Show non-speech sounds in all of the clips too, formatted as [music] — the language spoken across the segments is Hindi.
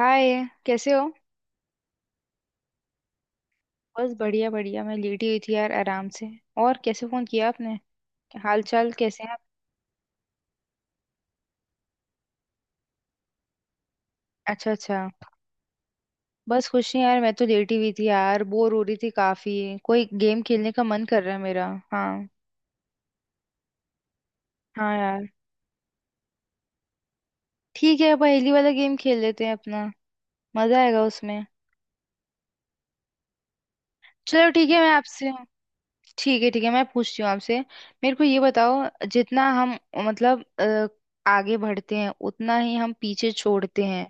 हाय कैसे हो। बस बढ़िया बढ़िया मैं लेटी हुई थी यार आराम से। और कैसे फोन किया आपने। हाल चाल कैसे हैं आप। अच्छा अच्छा। बस खुश नहीं यार मैं तो लेटी हुई थी यार बोर हो रही थी काफी। कोई गेम खेलने का मन कर रहा है मेरा। हाँ। हाँ यार। ठीक है पहेली वाला गेम खेल लेते हैं अपना। मजा आएगा उसमें। चलो ठीक है मैं आपसे। ठीक है मैं पूछती हूँ आपसे। मेरे को ये बताओ। जितना हम मतलब आगे बढ़ते हैं उतना ही हम पीछे छोड़ते हैं।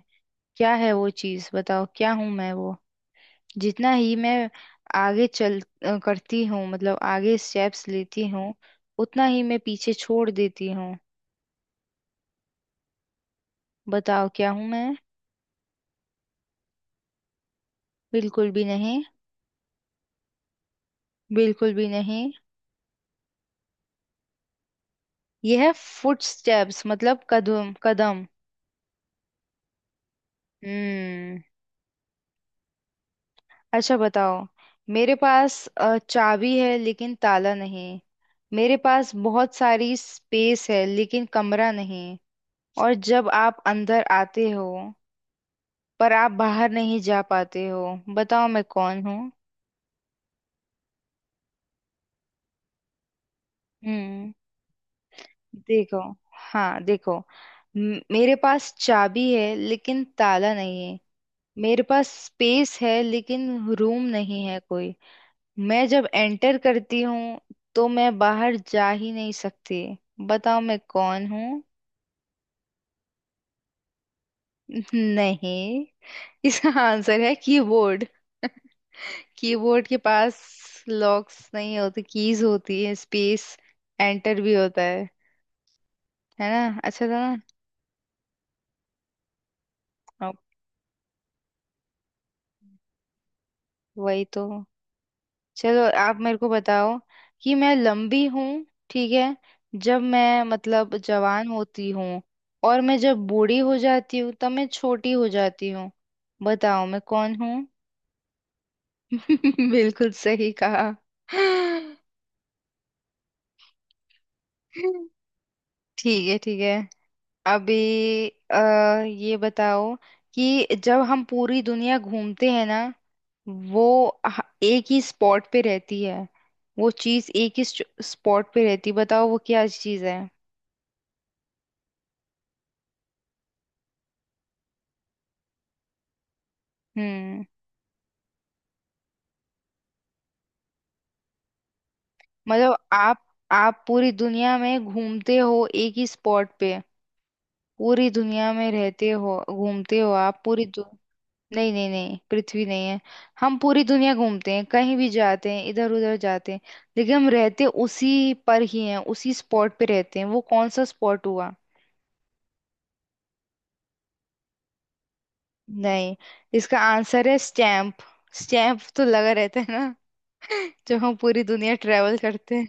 क्या है वो चीज बताओ क्या हूं मैं वो। जितना ही मैं आगे चल करती हूँ मतलब आगे स्टेप्स लेती हूँ। उतना ही मैं पीछे छोड़ देती हूँ। बताओ क्या हूँ मैं। बिल्कुल भी नहीं। बिल्कुल भी नहीं। यह है फुट स्टेप्स मतलब कदम कदम। हम्म। अच्छा बताओ। मेरे पास चाबी है लेकिन ताला नहीं। मेरे पास बहुत सारी स्पेस है लेकिन कमरा नहीं। और जब आप अंदर आते हो पर आप बाहर नहीं जा पाते हो। बताओ मैं कौन हूँ। हम्म। देखो। हाँ देखो। मेरे पास चाबी है लेकिन ताला नहीं है। मेरे पास स्पेस है लेकिन रूम नहीं है कोई। मैं जब एंटर करती हूँ तो मैं बाहर जा ही नहीं सकती। बताओ मैं कौन हूँ। [laughs] नहीं। इसका आंसर है कीबोर्ड। कीबोर्ड के पास लॉक्स नहीं होते कीज होती है स्पेस। एंटर भी होता है। है ना अच्छा था ना। अब वही तो। चलो आप मेरे को बताओ कि मैं लंबी हूँ। ठीक है। जब मैं मतलब जवान होती हूँ और मैं जब बूढ़ी हो जाती हूँ तब मैं छोटी हो जाती हूँ। बताओ मैं कौन हूँ। [laughs] बिल्कुल सही कहा। [laughs] ठीक है ठीक है। अभी ये बताओ कि जब हम पूरी दुनिया घूमते हैं ना। वो एक ही स्पॉट पे रहती है। वो चीज एक ही स्पॉट पे रहती है बताओ वो क्या चीज है। हम्म। मतलब आप पूरी दुनिया में घूमते हो एक ही स्पॉट पे। पूरी दुनिया में रहते हो घूमते हो आप नहीं नहीं नहीं पृथ्वी नहीं है। हम पूरी दुनिया घूमते हैं कहीं भी जाते हैं इधर उधर जाते हैं। लेकिन हम रहते उसी पर ही हैं उसी स्पॉट पे रहते हैं वो कौन सा स्पॉट हुआ। नहीं। इसका आंसर है स्टैम्प। स्टैम्प तो लगा रहता है ना। [laughs] जब हम पूरी दुनिया ट्रेवल करते हैं।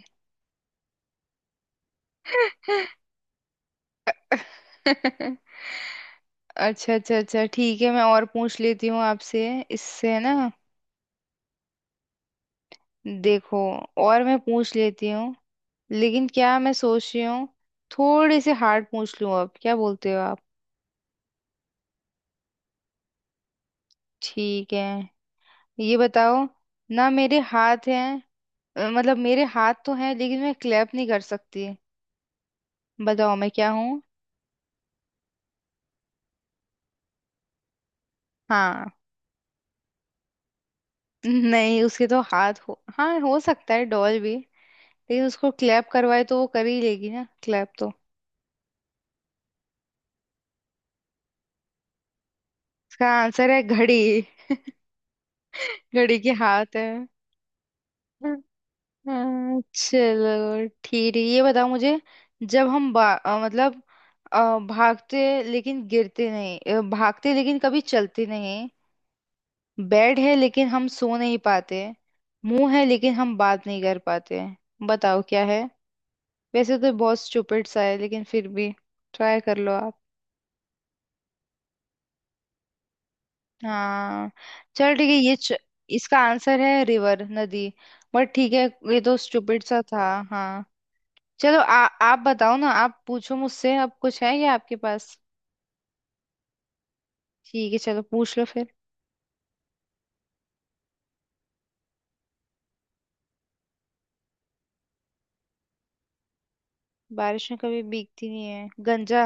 [laughs] अच्छा अच्छा अच्छा ठीक है मैं और पूछ लेती हूँ आपसे इससे है ना। देखो और मैं पूछ लेती हूँ। लेकिन क्या मैं सोच रही हूँ थोड़े से हार्ड पूछ लूँ अब क्या बोलते हो आप। ठीक है ये बताओ ना मेरे हाथ हैं। मतलब मेरे हाथ तो हैं लेकिन मैं क्लैप नहीं कर सकती। बताओ मैं क्या हूँ। हाँ। [laughs] नहीं उसके तो हाथ हो हाँ हो सकता है डॉल भी। लेकिन उसको क्लैप करवाए तो वो कर ही लेगी ना क्लैप तो। इसका आंसर है घड़ी। [laughs] घड़ी के हाथ है। हाँ, चलो ठीक है ये बताओ मुझे। जब हम मतलब भागते लेकिन गिरते नहीं भागते लेकिन कभी चलते नहीं। बेड है लेकिन हम सो नहीं पाते। मुंह है लेकिन हम बात नहीं कर पाते। बताओ क्या है। वैसे तो बहुत स्टूपिड सा है लेकिन फिर भी ट्राई कर लो आप। हाँ चल ठीक है इसका आंसर है रिवर नदी। बट ठीक है। ये तो स्टूपिड सा था। हाँ। चलो आप बताओ ना आप पूछो मुझसे अब कुछ है क्या आपके पास। ठीक है चलो पूछ लो फिर। बारिश में कभी भीगती नहीं है गंजा।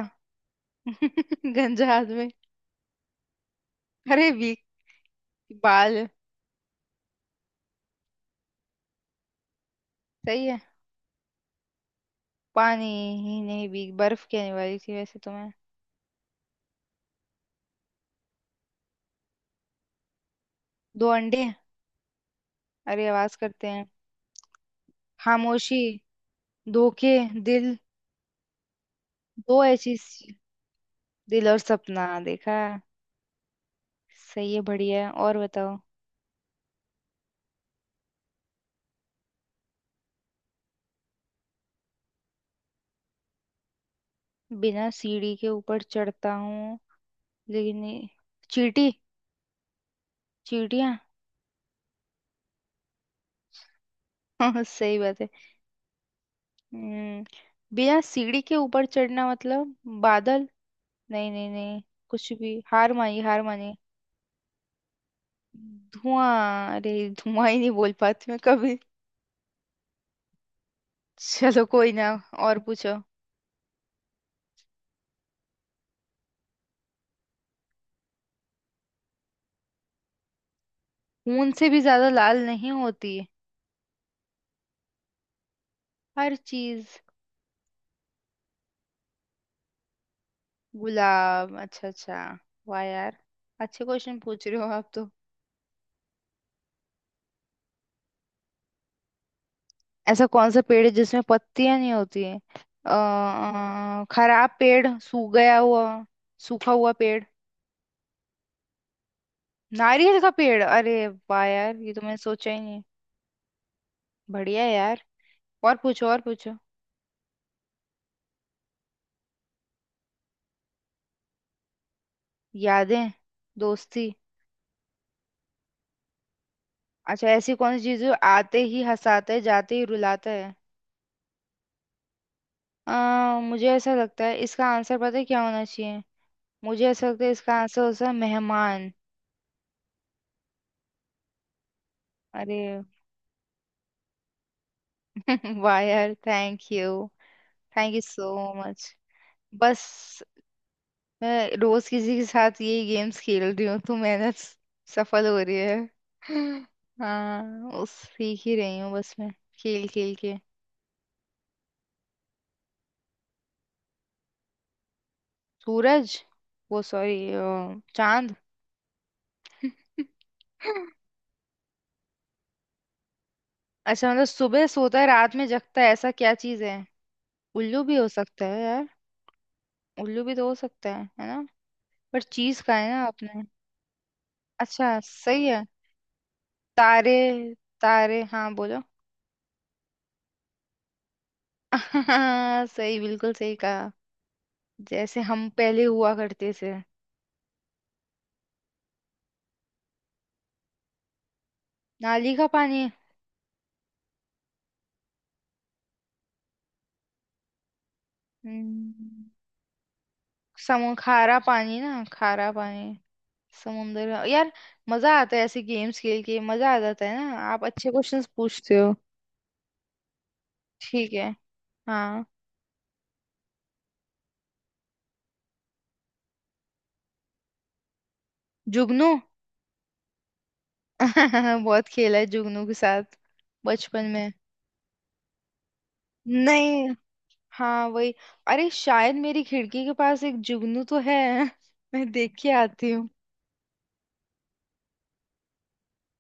[laughs] गंजा हाथ में। अरे भीग बाल। सही है। पानी। ही नहीं भीग बर्फ कहने वाली थी वैसे तो मैं। दो अंडे। अरे आवाज करते हैं। खामोशी। धोखे। दिल। दो ऐसी सी- दिल और सपना देखा। सही है बढ़िया है और बताओ। बिना सीढ़ी के ऊपर चढ़ता हूँ। लेकिन ये- चींटी। चींटियां। हाँ सही बात है। हम्म। बिना सीढ़ी के ऊपर चढ़ना मतलब बादल। नहीं नहीं नहीं। कुछ भी हार मानी हार मानी। धुआं अरे। धुआं ही नहीं बोल पाती मैं कभी। चलो कोई ना। और पूछो। खून से भी ज्यादा लाल नहीं होती। हर चीज। गुलाब अच्छा अच्छा। वाह यार अच्छे क्वेश्चन पूछ रहे हो आप तो। ऐसा कौन सा पेड़ है जिसमें पत्तियां नहीं होती है। खराब पेड़ सूख गया हुआ। सूखा हुआ पेड़। नारियल का पेड़ अरे वाह यार ये तो मैंने सोचा ही नहीं। बढ़िया है यार। और पूछो और पूछो। यादें। दोस्ती। अच्छा ऐसी कौन सी चीज है जो आते ही हंसाता है जाते ही रुलाता है। मुझे ऐसा लगता है इसका आंसर पता है क्या होना चाहिए। मुझे ऐसा लगता है इसका आंसर हो सकता है मेहमान। अरे [laughs] वाह यार thank you. Thank you so much. बस मैं रोज किसी के साथ यही गेम्स खेल रही हूँ तो सफल हो रही है। [laughs] हाँ उस सीख ही रही हूँ बस मैं खेल खेल के। सूरज वो सॉरी चांद। [laughs] अच्छा मतलब सुबह सोता है रात में जगता है ऐसा क्या चीज है। उल्लू भी हो सकता है यार। उल्लू भी तो हो सकता है ना। पर चीज का है ना आपने। अच्छा सही है। तारे। तारे हाँ बोलो। [laughs] सही बिल्कुल सही कहा। जैसे हम पहले हुआ करते थे। नाली का पानी। हम्म, समु खारा पानी ना खारा पानी। यार मजा आता है ऐसे गेम्स खेल के मजा आ जाता है ना आप अच्छे क्वेश्चंस पूछते हो। ठीक है। हाँ। जुगनू। [laughs] बहुत खेला है जुगनू के साथ बचपन में। नहीं। हाँ वही। अरे शायद मेरी खिड़की के पास एक जुगनू तो है। [laughs] मैं देख के आती हूँ।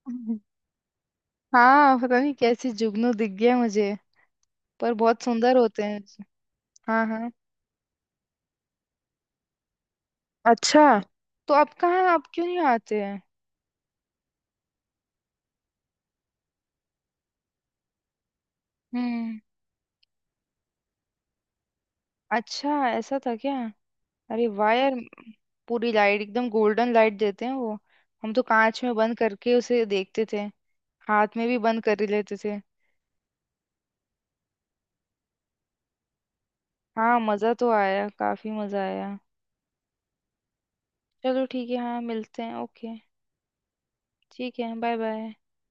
[laughs] हाँ पता नहीं कैसे जुगनू दिख गया मुझे। पर बहुत सुंदर होते हैं। हाँ हाँ। अच्छा। तो आप क्यों नहीं आते हैं। हम्म। अच्छा ऐसा था क्या। अरे वाह यार पूरी लाइट एकदम गोल्डन लाइट देते हैं वो। हम तो कांच में बंद करके उसे देखते थे। हाथ में भी बंद कर ही लेते थे। हाँ मज़ा तो आया काफ़ी मज़ा आया। चलो ठीक है हाँ मिलते हैं ओके। ठीक है बाय बाय।